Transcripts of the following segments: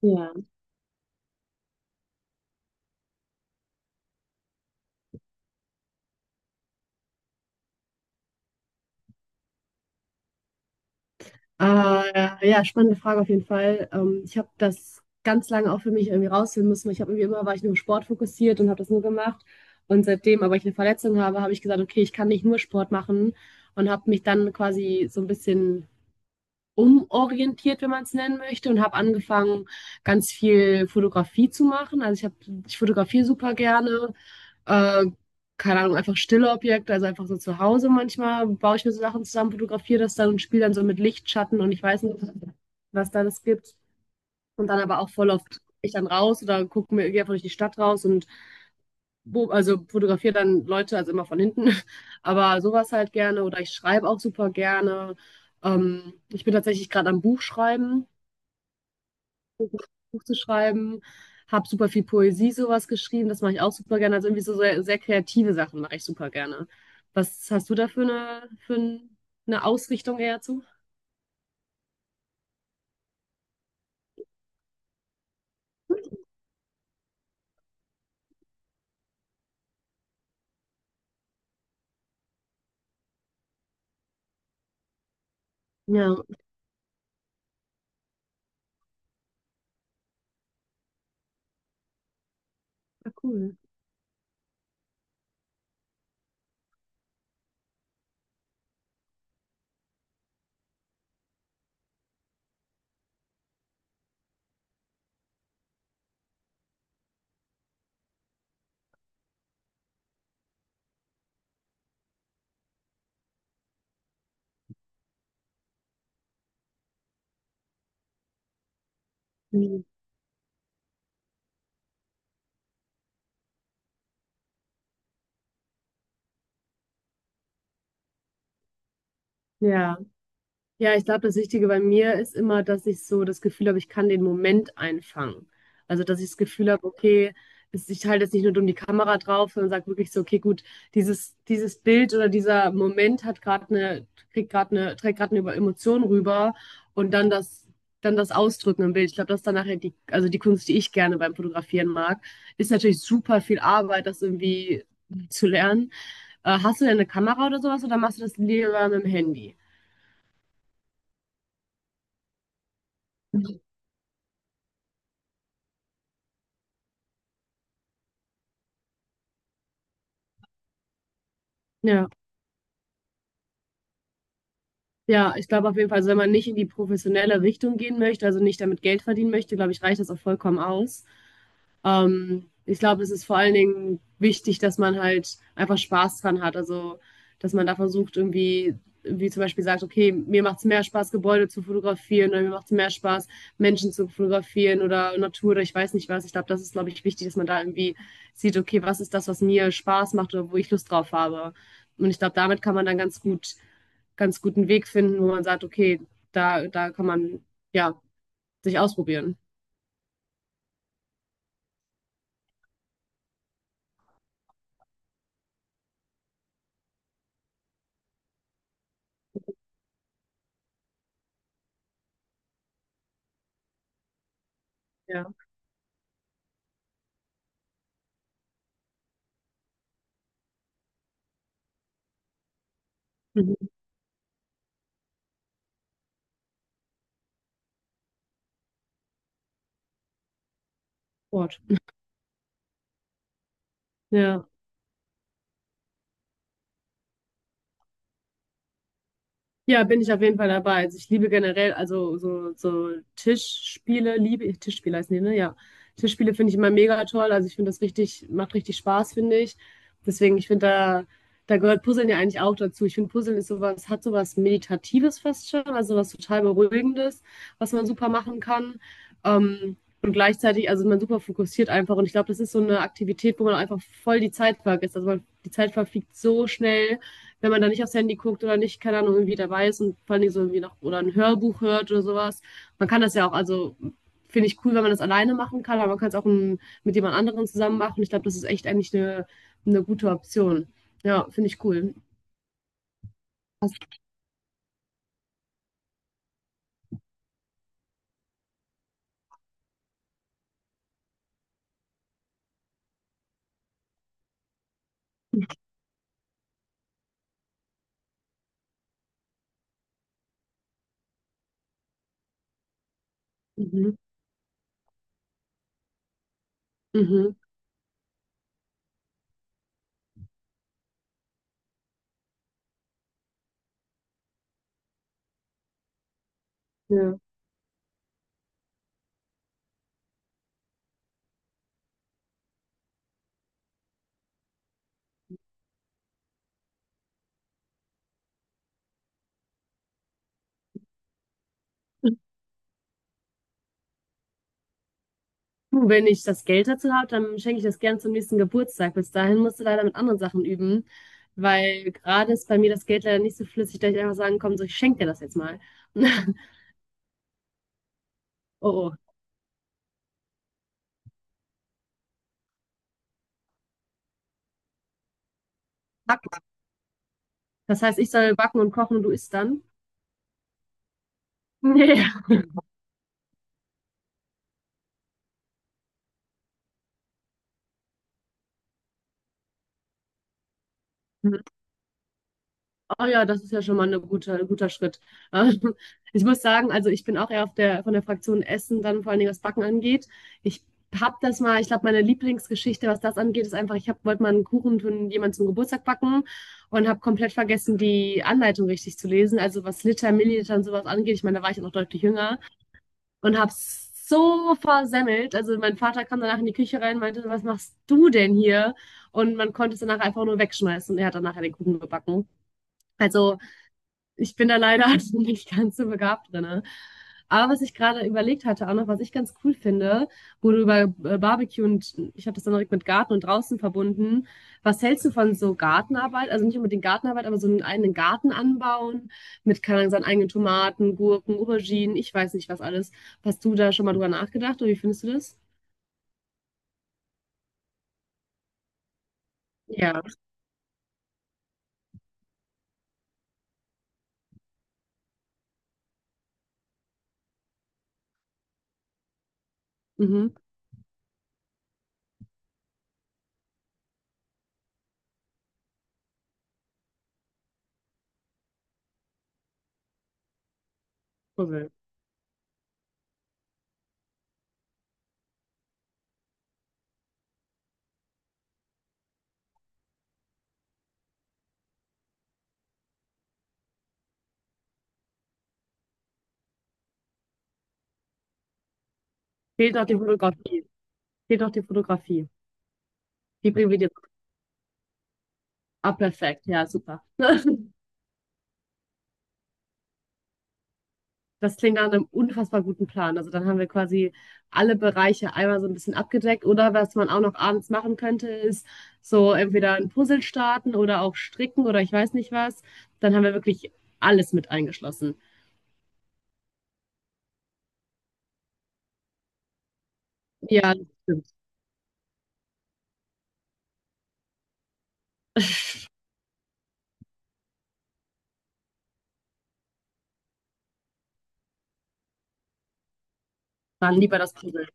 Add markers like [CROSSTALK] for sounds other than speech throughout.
Ja. Ja, Spannende Frage auf jeden Fall. Ich habe das ganz lange auch für mich irgendwie rausfinden müssen. Weil Ich habe irgendwie immer, war ich nur Sport fokussiert und habe das nur gemacht. Und seitdem, aber ich eine Verletzung habe, habe ich gesagt, okay, ich kann nicht nur Sport machen und habe mich dann quasi so ein bisschen umorientiert, wenn man es nennen möchte, und habe angefangen, ganz viel Fotografie zu machen. Ich fotografiere super gerne. Äh, Keine Ahnung, einfach stille Objekte, also einfach so zu Hause manchmal baue ich mir so Sachen zusammen, fotografiere das dann und spiele dann so mit Licht, Schatten und ich weiß nicht, was da das gibt. Und dann aber auch voll oft ich dann raus oder gucke mir gehe einfach durch die Stadt raus und also fotografiere dann Leute, also immer von hinten. [LAUGHS] Aber sowas halt gerne oder ich schreibe auch super gerne. Ich bin tatsächlich gerade am Buch schreiben. Buch zu schreiben, Habe super viel Poesie sowas geschrieben, das mache ich auch super gerne. Also irgendwie so sehr, sehr kreative Sachen mache ich super gerne. Was hast du da für eine Ausrichtung eher zu? Ja, ja, cool. Mhm. Ja. Ja, ich glaube, das Wichtige bei mir ist immer, dass ich so das Gefühl habe, ich kann den Moment einfangen. Also, dass ich das Gefühl habe, okay, ich halte jetzt nicht nur dumm die Kamera drauf, sondern sage wirklich so, okay, gut, dieses Bild oder dieser Moment hat gerade eine, kriegt gerade eine, trägt gerade eine Über- Emotion rüber und dann das Ausdrücken im Bild. Ich glaube, das ist dann nachher die, also die Kunst, die ich gerne beim Fotografieren mag, ist natürlich super viel Arbeit, das irgendwie zu lernen. Hast du denn eine Kamera oder sowas oder machst du das lieber mit dem Handy? Ja. Ja, ich glaube auf jeden Fall, also wenn man nicht in die professionelle Richtung gehen möchte, also nicht damit Geld verdienen möchte, glaube ich, reicht das auch vollkommen aus. Ich glaube, es ist vor allen Dingen wichtig, dass man halt einfach Spaß dran hat. Also, dass man da versucht, irgendwie, wie zum Beispiel sagt, okay, mir macht es mehr Spaß, Gebäude zu fotografieren oder mir macht es mehr Spaß, Menschen zu fotografieren oder Natur oder ich weiß nicht was. Ich glaube, das ist, glaube ich, wichtig, dass man da irgendwie sieht, okay, was ist das, was mir Spaß macht oder wo ich Lust drauf habe. Und ich glaube, damit kann man dann ganz guten Weg finden, wo man sagt, okay, da kann man ja sich ausprobieren. Ja. Mhm. Sport. Ja. Ja, bin ich auf jeden Fall dabei. Also ich liebe generell, also so Tischspiele, liebe ich, Tischspiele heißen die, ne? Ja. Tischspiele finde ich immer mega toll. Also ich finde das richtig, macht richtig Spaß, finde ich. Deswegen, ich finde, da gehört Puzzeln ja eigentlich auch dazu. Ich finde, Puzzeln ist sowas, hat sowas Meditatives fast schon, also was total Beruhigendes, was man super machen kann. Ähm, und gleichzeitig, also man super fokussiert einfach. Und ich glaube, das ist so eine Aktivität, wo man einfach voll die Zeit vergisst. Die Zeit verfliegt so schnell, wenn man da nicht aufs Handy guckt oder nicht, keine Ahnung, irgendwie dabei ist und vor allem so irgendwie noch oder ein Hörbuch hört oder sowas. Man kann das ja auch, also finde ich cool, wenn man das alleine machen kann, aber man kann es auch mit jemand anderem zusammen machen. Ich glaube, das ist echt eigentlich eine gute Option. Ja, finde ich cool. Mhm. Mhm. Ja. Du, wenn ich das Geld dazu habe, dann schenke ich das gerne zum nächsten Geburtstag. Bis dahin musst du leider mit anderen Sachen üben, weil gerade ist bei mir das Geld leider nicht so flüssig, dass ich einfach sagen kann, so, ich schenke dir das jetzt mal. [LAUGHS] Oh, oh. Das heißt, ich soll backen und kochen und du isst dann? [LAUGHS] Nee. Mhm. Oh ja, das ist ja schon mal eine gute, ein guter Schritt. [LAUGHS] Ähm, Ich muss sagen, also ich bin auch eher auf der, von der Fraktion Essen, dann vor allen Dingen was Backen angeht. Ich habe das mal, ich glaube, meine Lieblingsgeschichte, was das angeht, ist einfach, wollte mal einen Kuchen für jemanden zum Geburtstag backen und habe komplett vergessen, die Anleitung richtig zu lesen. Also was Liter, Milliliter und sowas angeht, ich meine, da war ich auch noch deutlich jünger. Und hab's so versemmelt. Also mein Vater kam danach in die Küche rein und meinte, was machst du denn hier? Und man konnte es danach einfach nur wegschmeißen. Und er hat danach den Kuchen gebacken. Also ich bin da leider [LAUGHS] nicht ganz so begabt drin. Aber was ich gerade überlegt hatte, auch noch, was ich ganz cool finde, wo du über Barbecue und ich habe das dann direkt mit Garten und draußen verbunden. Was hältst du von so Gartenarbeit? Also nicht unbedingt Gartenarbeit, aber so einen eigenen Garten anbauen mit, keine Ahnung, seinen eigenen Tomaten, Gurken, Auberginen, ich weiß nicht was alles. Hast du da schon mal drüber nachgedacht oder wie findest du das? Ja, mhm. Cool. Fehlt noch die Fotografie. Fehlt noch die Fotografie. Die bringen wir dir. Ah, perfekt. Ja, super. [LAUGHS] Das klingt nach einem unfassbar guten Plan. Also dann haben wir quasi alle Bereiche einmal so ein bisschen abgedeckt. Oder was man auch noch abends machen könnte, ist so entweder ein Puzzle starten oder auch stricken oder ich weiß nicht was. Dann haben wir wirklich alles mit eingeschlossen. Ja, das stimmt. Dann lieber das Puzzle.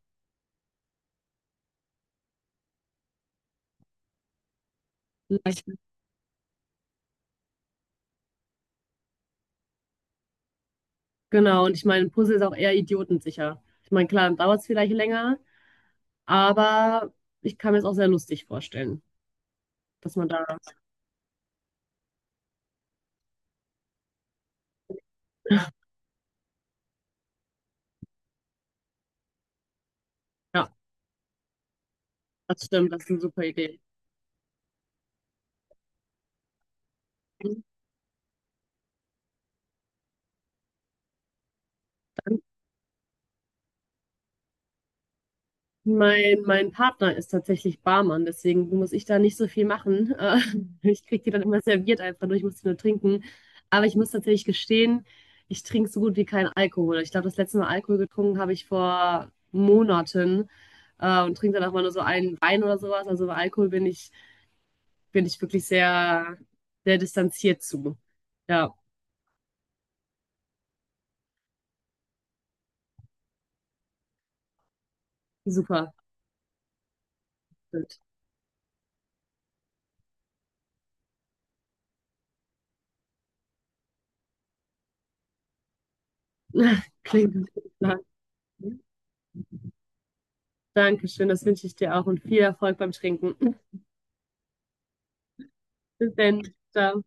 Leicht. Genau. Und ich meine, ein Puzzle ist auch eher idiotensicher. Ich meine, klar, dann dauert es vielleicht länger, aber ich kann mir es auch sehr lustig vorstellen, dass man da, ja, das stimmt, das ist eine super Idee. Mein Partner ist tatsächlich Barmann, deswegen muss ich da nicht so viel machen. [LAUGHS] Ich kriege die dann immer serviert einfach nur, ich muss die nur trinken. Aber ich muss tatsächlich gestehen, ich trinke so gut wie keinen Alkohol. Ich glaube, das letzte Mal Alkohol getrunken habe ich vor Monaten, und trinke dann auch mal nur so einen Wein oder sowas. Also bei Alkohol bin ich wirklich sehr, sehr distanziert zu. Ja, super. Gut. [LAUGHS] Klingt gut. Dankeschön, das wünsche ich dir auch und viel Erfolg beim Trinken. [LAUGHS] Bis dann. Ciao.